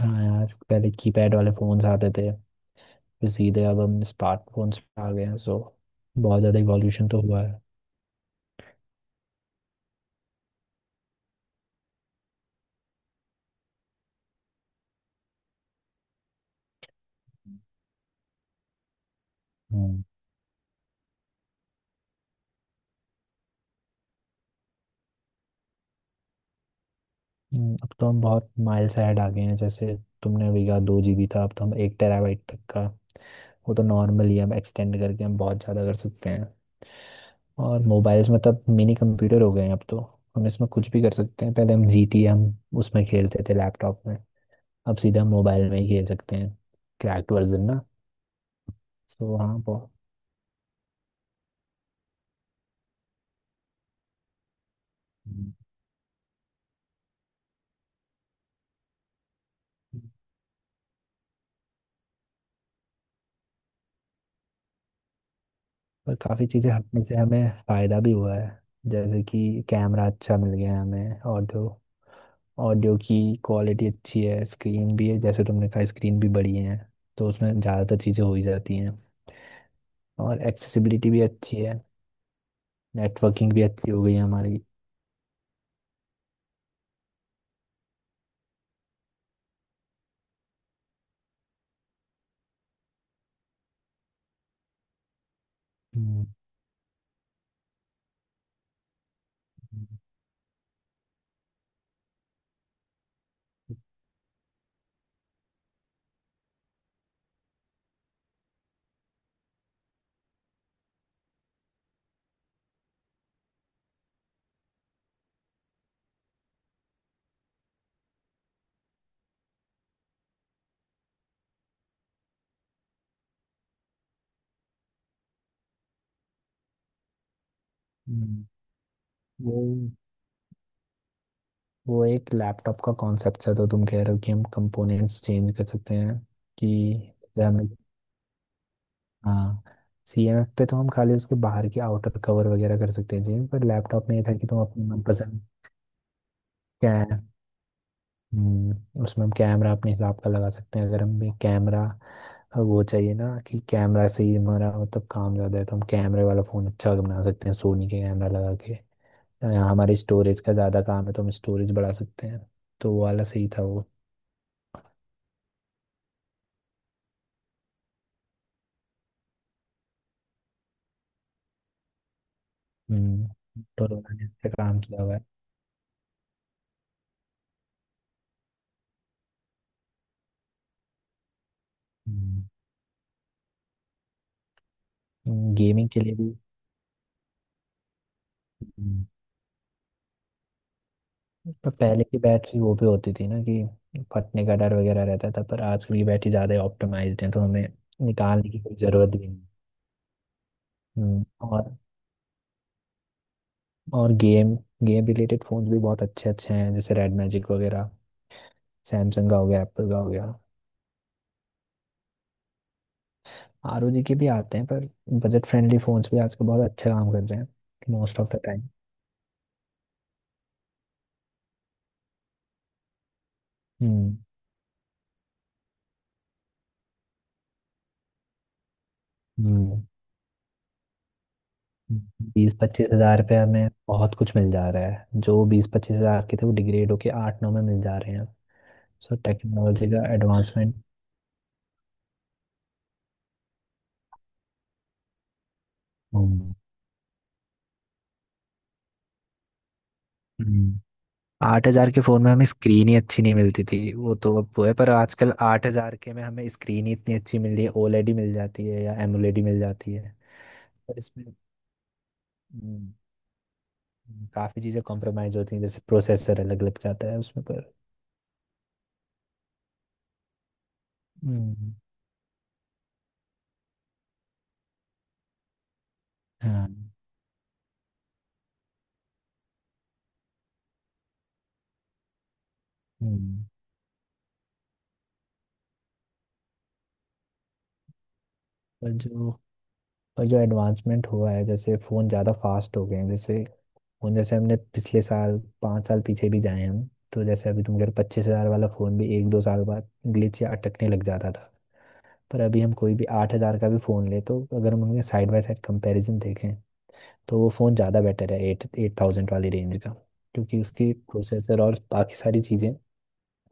हाँ यार, पहले कीपैड वाले फोन्स आते थे। फिर सीधे अब हम स्मार्टफोन्स पे आ गए हैं, सो बहुत ज़्यादा इवोल्यूशन तो हुआ है। हम्म, हम्म। अब तो हम बहुत माइल्स ahead आ गए हैं, जैसे तुमने अभी कहा 2 GB था, अब तो हम 1 TB तक का वो तो नॉर्मल ही है, हम एक्सटेंड करके हम बहुत ज़्यादा कर सकते हैं। और मोबाइल्स में तब मिनी कंप्यूटर हो गए हैं अब तो, हम इसमें कुछ भी कर सकते हैं। पहले हम GT हम उसमें खेलते थे लैपटॉप में, अब सीधा हम मोबाइल में ही खेल सकते हैं, क्रैक्ड वर्जन ना। सो हाँ, बहुत। पर काफ़ी चीज़ें हटने से हमें फ़ायदा भी हुआ है, जैसे कि कैमरा अच्छा मिल गया है हमें। ऑडियो ऑडियो की क्वालिटी अच्छी है, स्क्रीन भी है, जैसे तुमने कहा स्क्रीन भी बड़ी है, तो उसमें ज़्यादातर चीज़ें हो ही जाती हैं। और एक्सेसिबिलिटी भी अच्छी है, नेटवर्किंग भी अच्छी हो गई है हमारी। हम्म, हम्म। वो वो एक लैपटॉप का कॉन्सेप्ट है, तो तुम कह रहे हो कि हम कंपोनेंट्स चेंज कर सकते हैं? कि हाँ, CMF पे तो हम खाली उसके बाहर की आउटर कवर वगैरह कर सकते हैं जी। पर लैपटॉप में ये था कि तुम अपने मनपसंद क्या है। हम्म। उसमें हम कैमरा अपने हिसाब का लगा सकते हैं, अगर हमें कैमरा वो चाहिए, ना कि कैमरा से ही हमारा मतलब काम ज़्यादा है, तो हम कैमरे वाला फ़ोन अच्छा बना सकते हैं सोनी के कैमरा लगा के। या हमारे स्टोरेज का ज़्यादा काम है तो हम स्टोरेज बढ़ा सकते हैं। तो वो वाला सही था वो। हम्म, तो उन्होंने अच्छा काम किया हुआ है। हम्म, गेमिंग के लिए भी। पर पहले की बैटरी वो भी होती थी, ना कि फटने का डर वगैरह रहता था, पर आजकल की बैटरी ज़्यादा ऑप्टिमाइज्ड है तो हमें निकालने की कोई ज़रूरत भी नहीं। हम्म। और गेम गेम रिलेटेड फ़ोन्स भी बहुत अच्छे अच्छे हैं, जैसे रेड मैजिक वगैरह, सैमसंग का हो गया, एप्पल का हो गया। ROG के भी आते हैं, पर बजट फ्रेंडली फ़ोन्स भी आजकल बहुत अच्छा काम कर रहे हैं मोस्ट ऑफ द टाइम। हम्म, हम्म। 20-25 हज़ार रुपये में बहुत कुछ मिल जा रहा है, जो 20-25 हज़ार के थे वो डिग्रेड होके 8-9 में मिल जा रहे हैं। सर, टेक्नोलॉजी का एडवांसमेंट। हम्म, हम्म। 8 हज़ार के फोन में हमें स्क्रीन ही अच्छी नहीं मिलती थी वो तो, अब वो है पर, आजकल 8 हज़ार के में हमें स्क्रीन ही इतनी अच्छी मिल रही है, ओलेडी मिल जाती है या एमोलेडी मिल जाती है। पर इसमें हम्म, काफी चीजें कॉम्प्रोमाइज होती हैं जैसे प्रोसेसर अलग लग जाता है उसमें। पर हम्म, हाँ, हम्म। पर जो पर जो एडवांसमेंट हुआ है, जैसे फ़ोन ज़्यादा फास्ट हो गए हैं। जैसे और जैसे हमने पिछले साल 5 साल पीछे भी जाए हम, तो जैसे अभी तुम कह रहे 25 हज़ार वाला फ़ोन भी 1-2 साल बाद ग्लिच या अटकने लग जाता था। पर अभी हम कोई भी 8 हज़ार का भी फ़ोन ले, तो अगर हम उनके साइड बाय साइड कंपैरिजन देखें, तो वो फ़ोन ज़्यादा बेटर है एट एट थाउजेंड वाली रेंज का, क्योंकि उसकी प्रोसेसर और बाकी सारी चीज़ें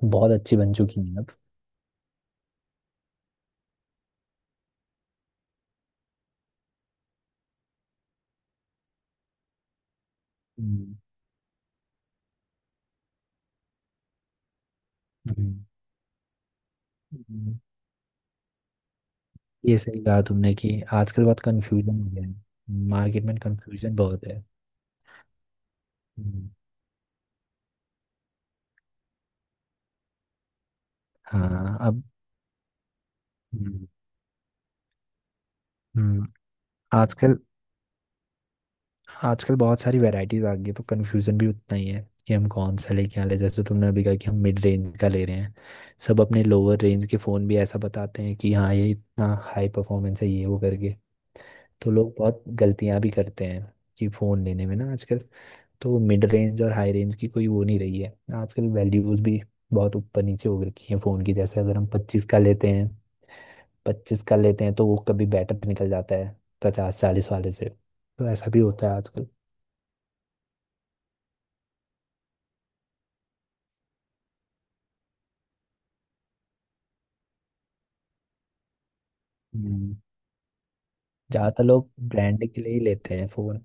बहुत अच्छी बन चुकी हैं अब। हम्म, हम्म, हम्म। ये सही कहा तुमने कि आजकल बहुत कंफ्यूजन हो गया है, मार्केट में कंफ्यूजन बहुत है। हम्म, हाँ, अब हम्म, हम्म। आजकल आजकल बहुत सारी वैरायटीज आ गई है, तो कंफ्यूजन भी उतना ही है कि हम कौन सा लेके आ ले। जैसे तुमने अभी कहा कि हम मिड रेंज का ले रहे हैं, सब अपने लोअर रेंज के फ़ोन भी ऐसा बताते हैं कि हाँ ये इतना हाई परफॉर्मेंस है ये वो करके। तो लोग बहुत गलतियाँ भी करते हैं कि फ़ोन लेने में ना आजकल। तो मिड रेंज और हाई रेंज की कोई वो नहीं रही है आजकल। वैल्यूज भी बहुत ऊपर नीचे हो रखी है फ़ोन की, जैसे अगर हम पच्चीस का लेते हैं तो वो कभी बेटर निकल जाता है 50-40 वाले से। तो ऐसा भी होता है आजकल। ज्यादातर लोग ब्रांड के लिए ही लेते हैं फोन।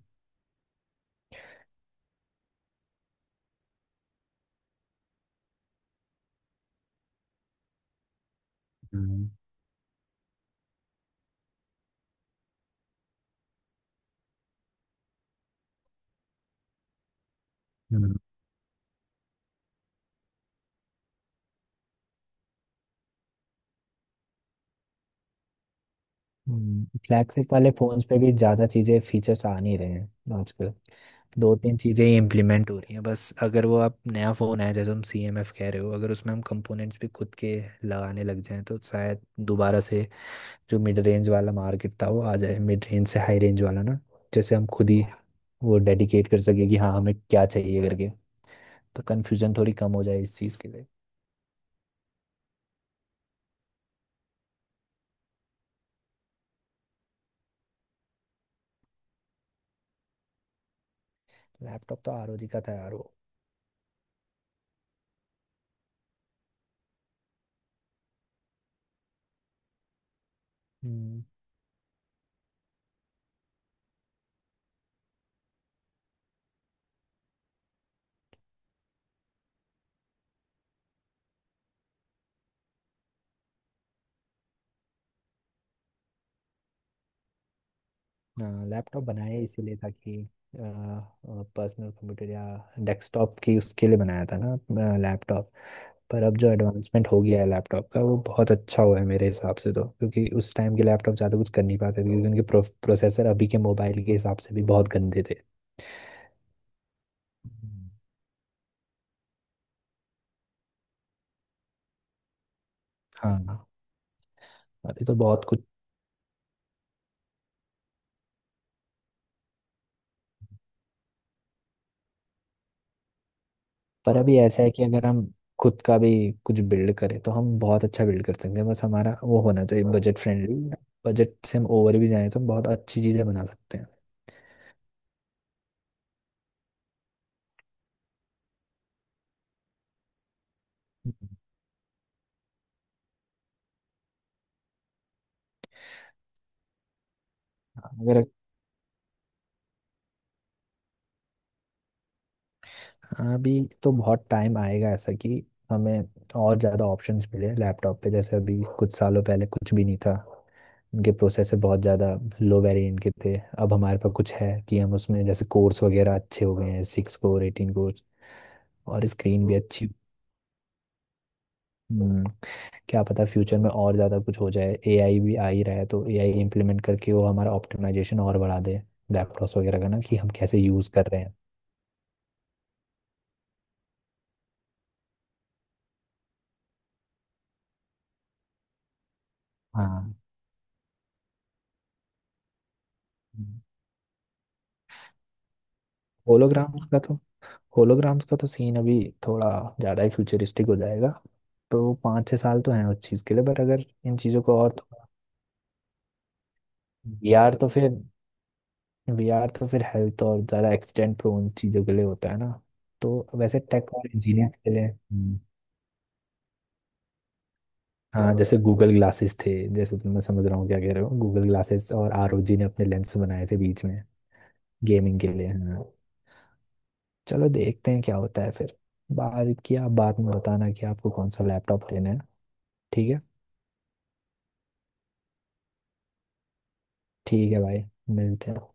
हम्म, हम्म। फ्लैगशिप वाले फोन्स पे भी ज्यादा चीजें फीचर्स आ नहीं रहे हैं आजकल, 2-3 चीजें ही इम्प्लीमेंट हो रही हैं बस। अगर वो आप नया फोन है जैसे तुम CMF कह रहे हो, अगर उसमें हम कंपोनेंट्स भी खुद के लगाने लग जाएं तो शायद दोबारा से जो मिड रेंज वाला मार्केट था वो आ जाए, मिड रेंज से हाई रेंज वाला ना। जैसे हम खुद ही वो डेडिकेट कर सके कि हाँ हमें क्या चाहिए करके, तो कन्फ्यूजन थोड़ी कम हो जाए इस चीज़ के लिए। लैपटॉप तो ROG का था यार वो। हम्म। हाँ, लैपटॉप बनाया इसीलिए था कि पर्सनल कंप्यूटर या डेस्कटॉप की उसके लिए बनाया था ना, लैपटॉप। पर अब जो एडवांसमेंट हो गया है लैपटॉप का वो बहुत अच्छा हुआ है मेरे हिसाब से, तो क्योंकि उस टाइम के लैपटॉप ज़्यादा कुछ कर नहीं पाते थे, क्योंकि उनके प्रोसेसर अभी के मोबाइल के हिसाब से भी बहुत गंदे थे। हम्म। हाँ, अभी तो बहुत कुछ। पर अभी ऐसा है कि अगर हम खुद का भी कुछ बिल्ड करें, तो हम बहुत अच्छा बिल्ड कर सकते हैं, बस हमारा वो होना चाहिए बजट फ्रेंडली। बजट से हम ओवर भी जाए तो हम बहुत अच्छी चीज़ें बना सकते हैं। अगर, अभी तो बहुत टाइम आएगा ऐसा कि हमें और ज़्यादा ऑप्शंस मिले लैपटॉप पे। जैसे अभी कुछ सालों पहले कुछ भी नहीं था, उनके प्रोसेसर बहुत ज़्यादा लो वेरिएंट के थे। अब हमारे पास कुछ है कि हम उसमें जैसे कोर्स वगैरह अच्छे हो गए हैं, 6 कोर 18 कोर, और स्क्रीन भी अच्छी। हम्म, क्या पता फ्यूचर में और ज़्यादा कुछ हो जाए, AI भी आ ही रहा है, तो AI इम्प्लीमेंट करके वो हमारा ऑप्टिमाइजेशन और बढ़ा दे लैपटॉप्स वगैरह का, ना कि हम कैसे यूज़ कर रहे हैं। हाँ। होलोग्राम्स का तो होलोग्राम्स का तो सीन अभी थोड़ा ज़्यादा ही फ्यूचरिस्टिक हो जाएगा, तो 5-6 साल तो हैं उस चीज़ के लिए, बट अगर इन चीज़ों को और थोड़ा। वीआर तो फिर वीआर तो फिर हेल्थ और ज़्यादा एक्सीडेंट प्रोन चीज़ों के लिए होता है ना, तो वैसे टेक और इंजीनियर्स के लिए। हाँ, जैसे गूगल ग्लासेस थे, जैसे तुम, मैं समझ रहा हूँ क्या कह रहे हो। गूगल ग्लासेस और ROG ने अपने लेंस बनाए थे बीच में गेमिंग के लिए, हाँ। चलो देखते हैं क्या होता है फिर। बाद की आप बाद में बताना कि आपको कौन सा लैपटॉप लेना है। ठीक है। ठीक है भाई, मिलते हैं।